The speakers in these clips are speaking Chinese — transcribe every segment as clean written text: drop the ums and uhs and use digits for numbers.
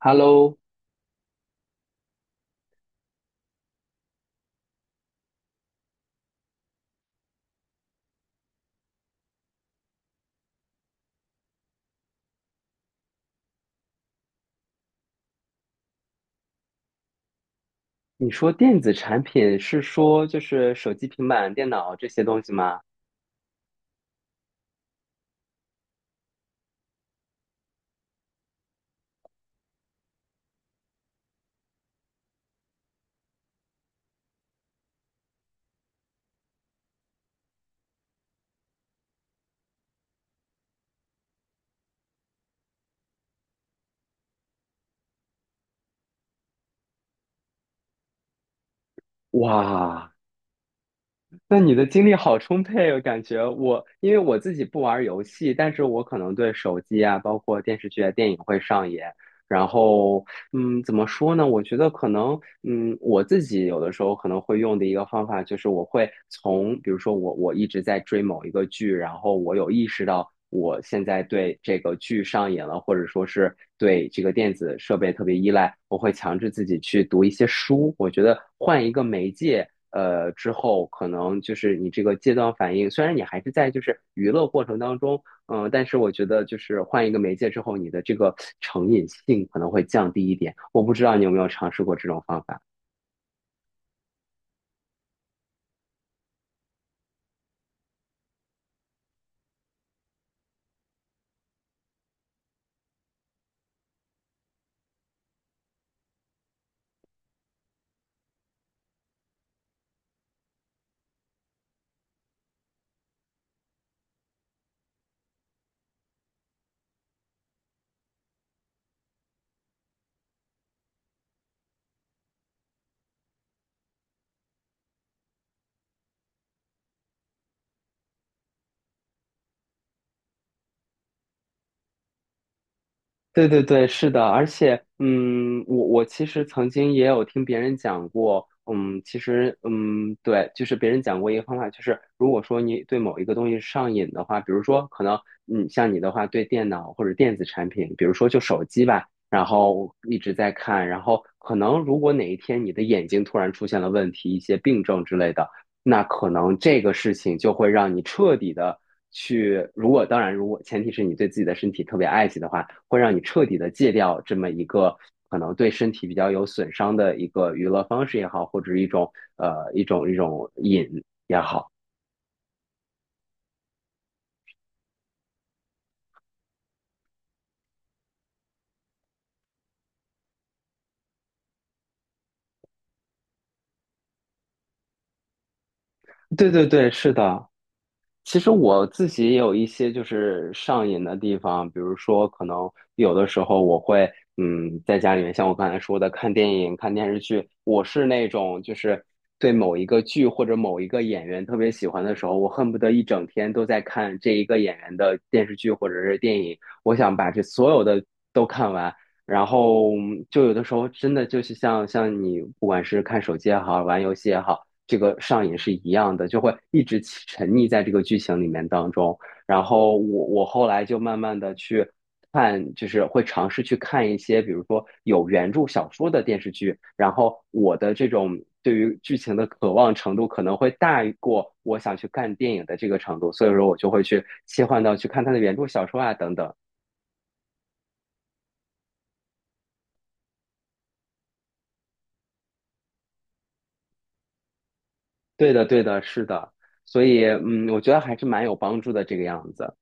Hello，你说电子产品是说就是手机、平板、电脑这些东西吗？哇，那你的精力好充沛哦，我感觉我因为我自己不玩游戏，但是我可能对手机啊，包括电视剧啊、电影会上瘾，然后怎么说呢？我觉得可能，我自己有的时候可能会用的一个方法就是，我会从，比如说我一直在追某一个剧，然后我有意识到我现在对这个剧上瘾了，或者说是对这个电子设备特别依赖，我会强制自己去读一些书。我觉得换一个媒介，之后可能就是你这个戒断反应，虽然你还是在就是娱乐过程当中。嗯，但是我觉得就是换一个媒介之后，你的这个成瘾性可能会降低一点。我不知道你有没有尝试过这种方法。对对对，是的，而且，我其实曾经也有听别人讲过，其实，对，就是别人讲过一个方法，就是如果说你对某一个东西上瘾的话，比如说可能，像你的话，对电脑或者电子产品，比如说就手机吧，然后一直在看，然后可能如果哪一天你的眼睛突然出现了问题，一些病症之类的，那可能这个事情就会让你彻底的去，如果当然，如果前提是你对自己的身体特别爱惜的话，会让你彻底的戒掉这么一个可能对身体比较有损伤的一个娱乐方式也好，或者一种瘾。对对对，是的。其实我自己也有一些就是上瘾的地方，比如说可能有的时候我会在家里面，像我刚才说的看电影、看电视剧，我是那种就是对某一个剧或者某一个演员特别喜欢的时候，我恨不得一整天都在看这一个演员的电视剧或者是电影，我想把这所有的都看完。然后就有的时候真的就是像你不管是看手机也好，玩游戏也好，这个上瘾是一样的，就会一直起沉溺在这个剧情里面当中。然后我后来就慢慢的去看，就是会尝试去看一些，比如说有原著小说的电视剧，然后我的这种对于剧情的渴望程度可能会大于过我想去看电影的这个程度，所以说我就会去切换到去看它的原著小说啊等等。对的，对的，是的，所以我觉得还是蛮有帮助的这个样子。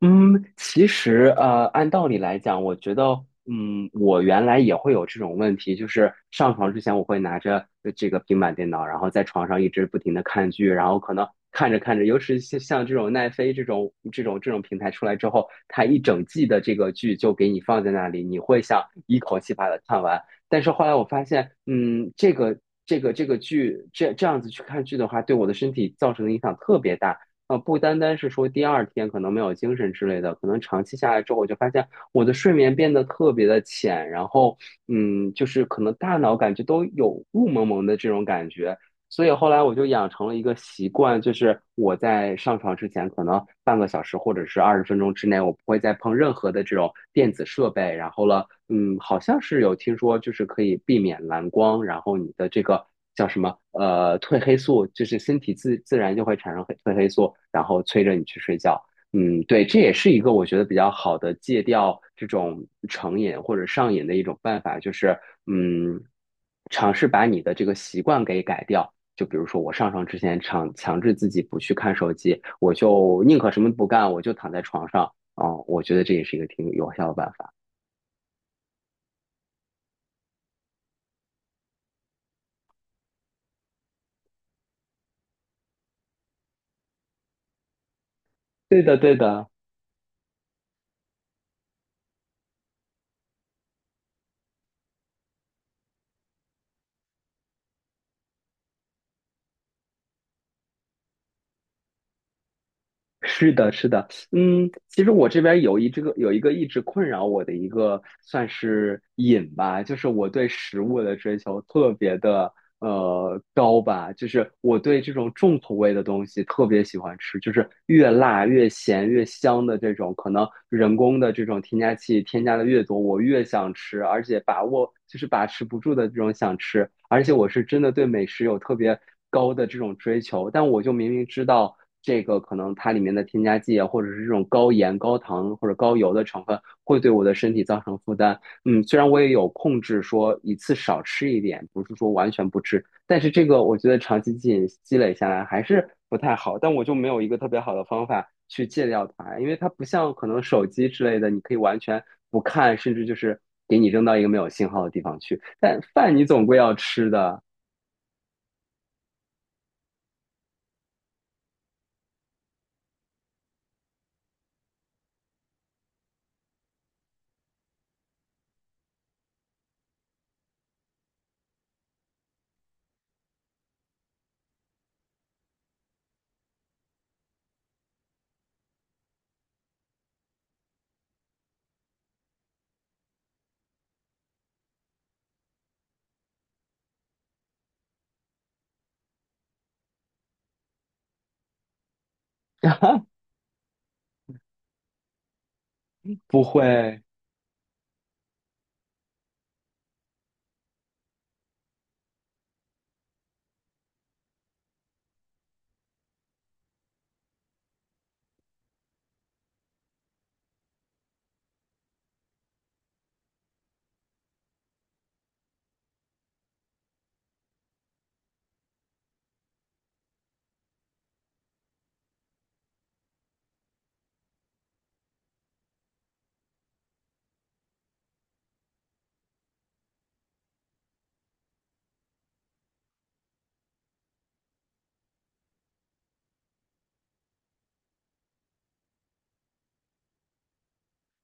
嗯，其实按道理来讲，我觉得，我原来也会有这种问题，就是上床之前我会拿着这个平板电脑，然后在床上一直不停的看剧，然后可能看着看着，尤其是像这种奈飞这种平台出来之后，它一整季的这个剧就给你放在那里，你会想一口气把它看完。但是后来我发现，这个剧这样子去看剧的话，对我的身体造成的影响特别大。不单单是说第二天可能没有精神之类的，可能长期下来之后，我就发现我的睡眠变得特别的浅，然后，就是可能大脑感觉都有雾蒙蒙的这种感觉，所以后来我就养成了一个习惯，就是我在上床之前，可能半个小时或者是20分钟之内，我不会再碰任何的这种电子设备。然后了，好像是有听说，就是可以避免蓝光，然后你的这个叫什么，褪黑素，就是身体自自然就会产生黑褪黑素，然后催着你去睡觉。对，这也是一个我觉得比较好的戒掉这种成瘾或者上瘾的一种办法，就是嗯，尝试把你的这个习惯给改掉。就比如说我上床之前强制自己不去看手机，我就宁可什么不干，我就躺在床上。我觉得这也是一个挺有效的办法。对的，对的。是的，是的，其实我这边有一个一直困扰我的一个算是瘾吧，就是我对食物的追求特别的高吧，就是我对这种重口味的东西特别喜欢吃，就是越辣越咸越香的这种，可能人工的这种添加剂添加的越多，我越想吃，而且把握就是把持不住的这种想吃，而且我是真的对美食有特别高的这种追求，但我就明明知道。这个可能它里面的添加剂啊，或者是这种高盐、高糖或者高油的成分，会对我的身体造成负担。嗯，虽然我也有控制，说一次少吃一点，不是说完全不吃，但是这个我觉得长期积累下来还是不太好。但我就没有一个特别好的方法去戒掉它，因为它不像可能手机之类的，你可以完全不看，甚至就是给你扔到一个没有信号的地方去。但饭你总归要吃的，不会。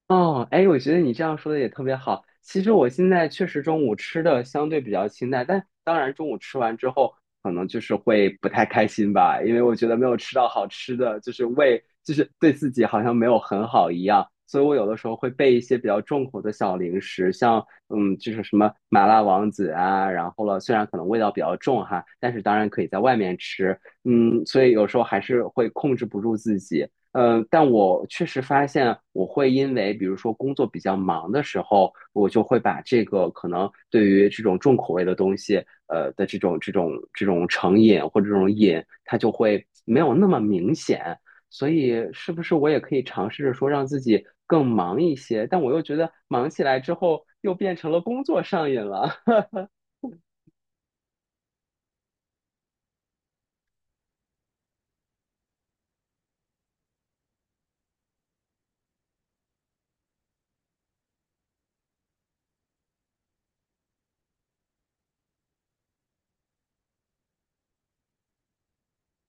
哦，哎，我觉得你这样说的也特别好。其实我现在确实中午吃的相对比较清淡，但当然中午吃完之后，可能就是会不太开心吧，因为我觉得没有吃到好吃的，就是胃就是对自己好像没有很好一样，所以我有的时候会备一些比较重口的小零食，像就是什么麻辣王子啊，然后了，虽然可能味道比较重哈，但是当然可以在外面吃，嗯，所以有时候还是会控制不住自己。嗯，但我确实发现，我会因为比如说工作比较忙的时候，我就会把这个可能对于这种重口味的东西，的这种成瘾或者这种瘾，它就会没有那么明显。所以，是不是我也可以尝试着说让自己更忙一些？但我又觉得忙起来之后又变成了工作上瘾了。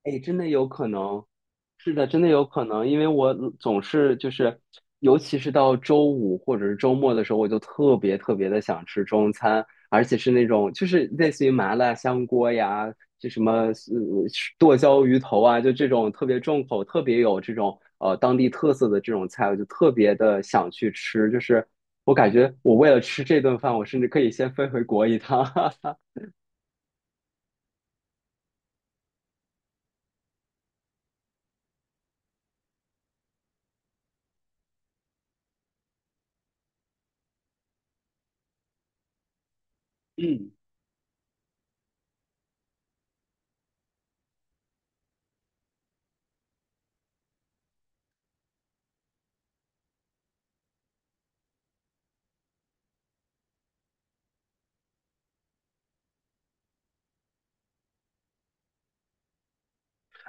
哎，真的有可能，是的，真的有可能，因为我总是就是，尤其是到周五或者是周末的时候，我就特别特别的想吃中餐，而且是那种就是类似于麻辣香锅呀，就什么剁椒鱼头啊，就这种特别重口、特别有这种当地特色的这种菜，我就特别的想去吃，就是我感觉我为了吃这顿饭，我甚至可以先飞回国一趟。嗯。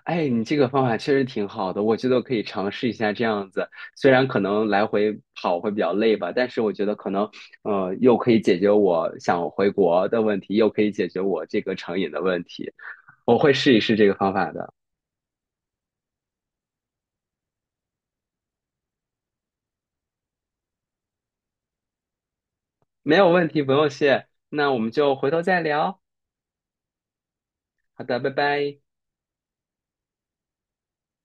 哎，你这个方法确实挺好的，我觉得我可以尝试一下这样子。虽然可能来回跑会比较累吧，但是我觉得可能，又可以解决我想回国的问题，又可以解决我这个成瘾的问题。我会试一试这个方法的，没有问题，不用谢。那我们就回头再聊。好的，拜拜。